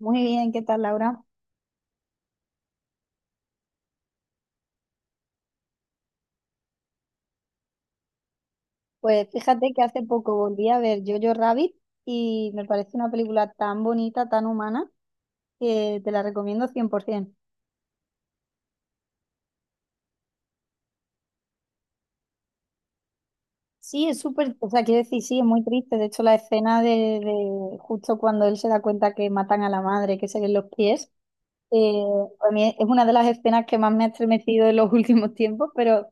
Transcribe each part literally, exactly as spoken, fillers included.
Muy bien, ¿qué tal, Laura? Pues fíjate que hace poco volví a ver Jojo Rabbit y me parece una película tan bonita, tan humana, que te la recomiendo cien por ciento. Sí, es súper, o sea, quiero decir, sí, es muy triste. De hecho, la escena de, de justo cuando él se da cuenta que matan a la madre, que se ven los pies, eh, a mí es una de las escenas que más me ha estremecido en los últimos tiempos, pero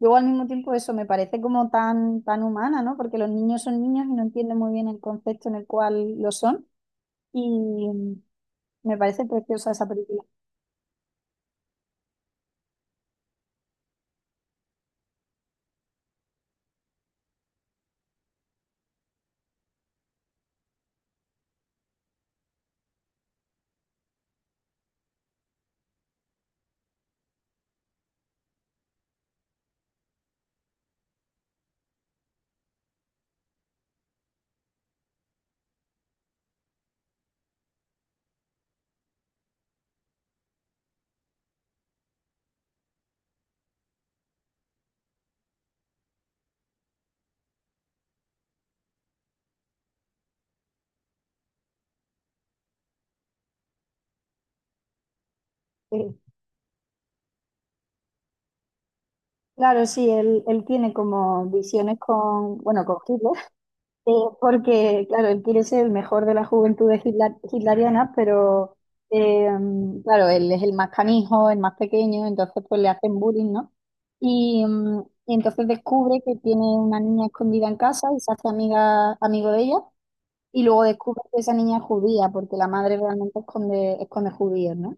luego al mismo tiempo eso me parece como tan, tan humana, ¿no? Porque los niños son niños y no entienden muy bien el concepto en el cual lo son. Y, me parece preciosa esa película. Sí. Claro, sí, él, él tiene como visiones con, bueno, con Hitler. eh, Porque, claro, él quiere ser el mejor de la juventud de Hitler, hitleriana, pero, eh, claro, él es el más canijo, el más pequeño, entonces pues le hacen bullying, ¿no? Y, mm, y entonces descubre que tiene una niña escondida en casa y se hace amiga, amigo de ella, y luego descubre que esa niña es judía, porque la madre realmente esconde, esconde judíos, ¿no?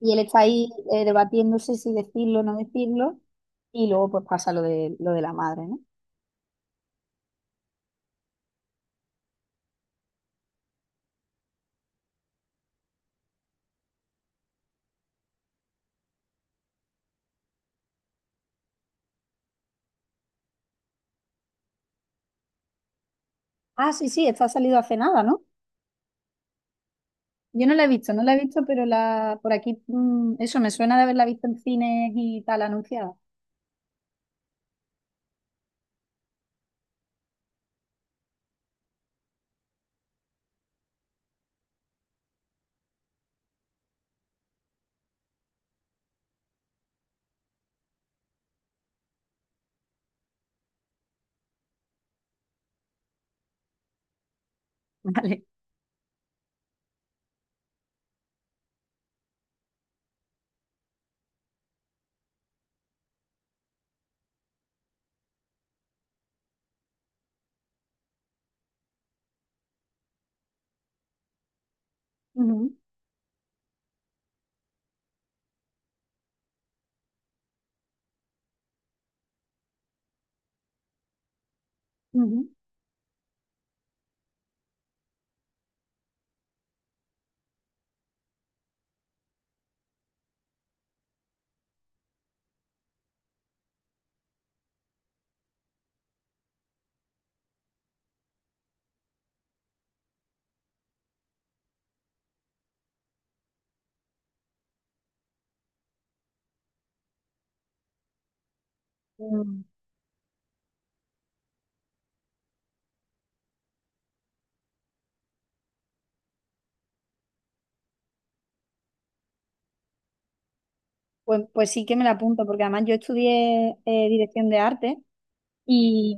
Y él está ahí eh, debatiéndose si decirlo o no decirlo, y luego pues pasa lo de, lo de la madre, ¿no? Ah, sí, sí, esta ha salido hace nada, ¿no? Yo no la he visto, no la he visto, pero la por aquí, mm, eso me suena de haberla visto en cines y tal anunciada. Vale. Ujú, ujú. Mm. Pues, pues sí que me la apunto, porque además yo estudié eh, dirección de arte. Y,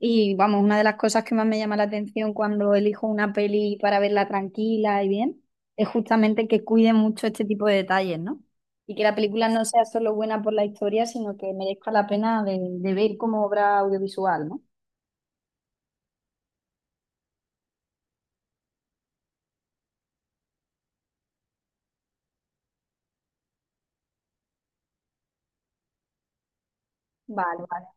y vamos, una de las cosas que más me llama la atención cuando elijo una peli para verla tranquila y bien, es justamente que cuide mucho este tipo de detalles, ¿no? Y que la película no sea solo buena por la historia, sino que merezca la pena de, de ver como obra audiovisual, ¿no? Vale, vale.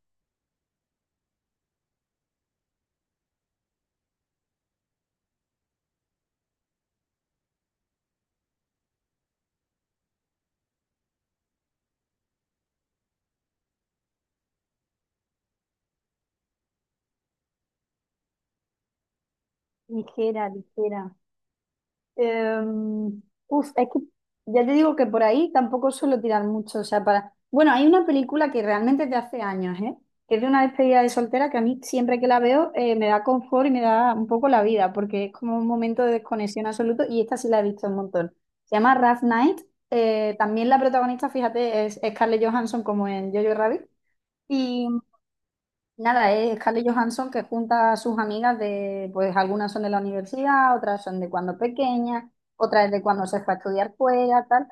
Ligera, ligera. Em, uf, es que ya te digo que por ahí tampoco suelo tirar mucho. O sea, para. Bueno, hay una película que realmente es de hace años, ¿eh? Que es de una despedida de soltera que a mí siempre que la veo eh, me da confort y me da un poco la vida, porque es como un momento de desconexión absoluto y esta sí la he visto un montón. Se llama Rough Night. Eh, también la protagonista, fíjate, es Scarlett Johansson como en Jojo Rabbit. Nada, es Scarlett Johansson que junta a sus amigas de, pues algunas son de la universidad, otras son de cuando pequeña, otras de cuando se fue a estudiar fuera, tal.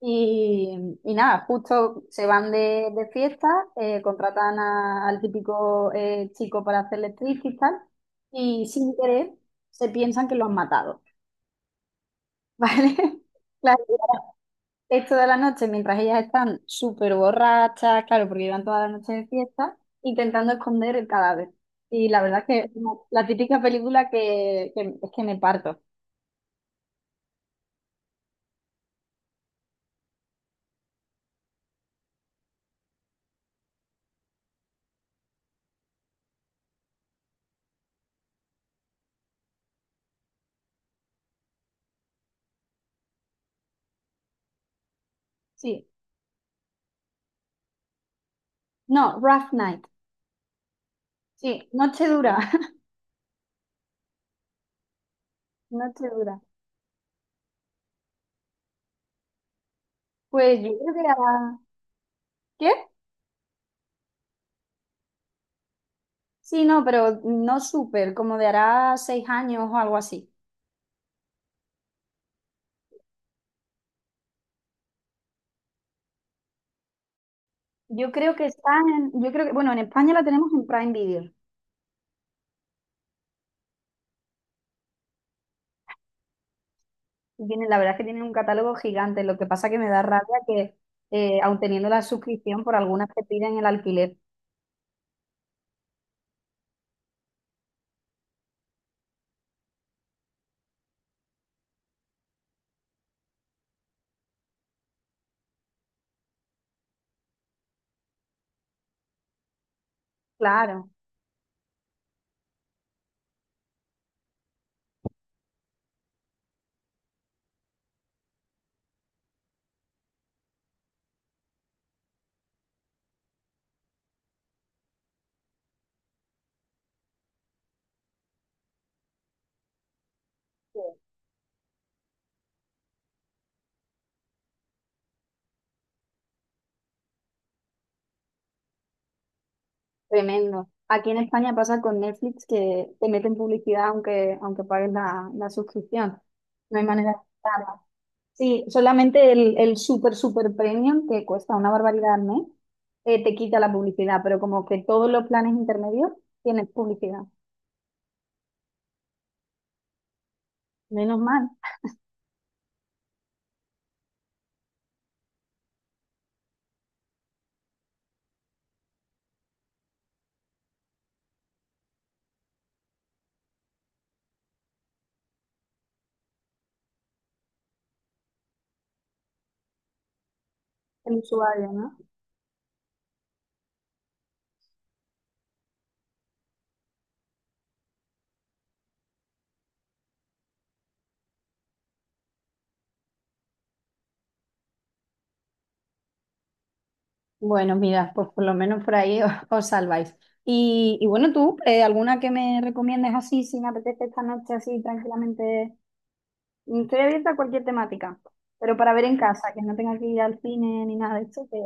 Y, y nada, justo se van de, de fiesta, eh, contratan a- al típico eh, chico para hacer actriz y tal, y sin querer se piensan que lo han matado, ¿vale? Claro, esto de la noche, mientras ellas están súper borrachas, claro, porque llevan toda la noche de fiesta, intentando esconder el cadáver. Y la verdad es que es como la típica película que, que es que me parto. Sí. No, Rough Night. Sí, noche dura, noche dura. Pues yo creo que hará... ¿Qué? Sí, no, pero no súper, como de hará seis años o algo así. Yo creo que está en, yo creo que, bueno, en España la tenemos en Prime Video. Y tienen, la verdad es que tienen un catálogo gigante. Lo que pasa que me da rabia que, eh, aun teniendo la suscripción, por algunas te piden el alquiler. Claro, sí, tremendo. Aquí en España pasa con Netflix que te meten publicidad aunque, aunque pagues la, la suscripción. No hay manera de quitarla. Sí, solamente el, el super, super premium, que cuesta una barbaridad al mes, eh, te quita la publicidad, pero como que todos los planes intermedios tienen publicidad. Menos mal el usuario, ¿no? Bueno, mira, pues por lo menos por ahí os, os salváis. Y, y bueno, tú, eh, ¿alguna que me recomiendes así, si me apetece esta noche así tranquilamente? Mm, estoy abierta a cualquier temática, pero para ver en casa, que no tenga que ir al cine ni nada de esto, que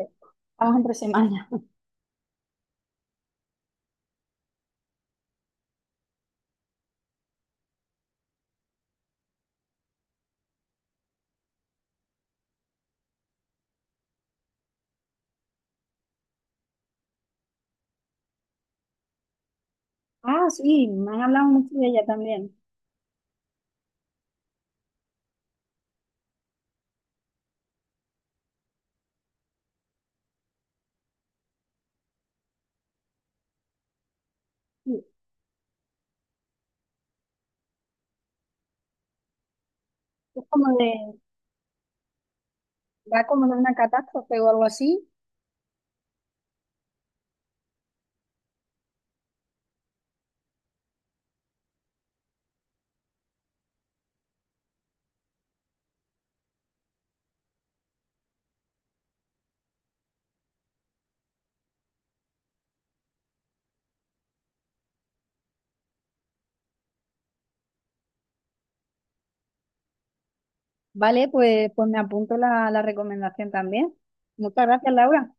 estamos entre semanas. Ah, sí, me han hablado mucho de ella también. Sí, es como de, va como de una catástrofe o algo así. Vale, pues, pues me apunto la, la recomendación también. Muchas gracias, Laura.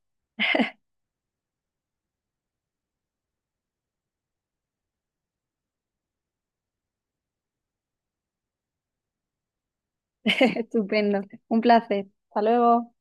Estupendo. Un placer. Hasta luego.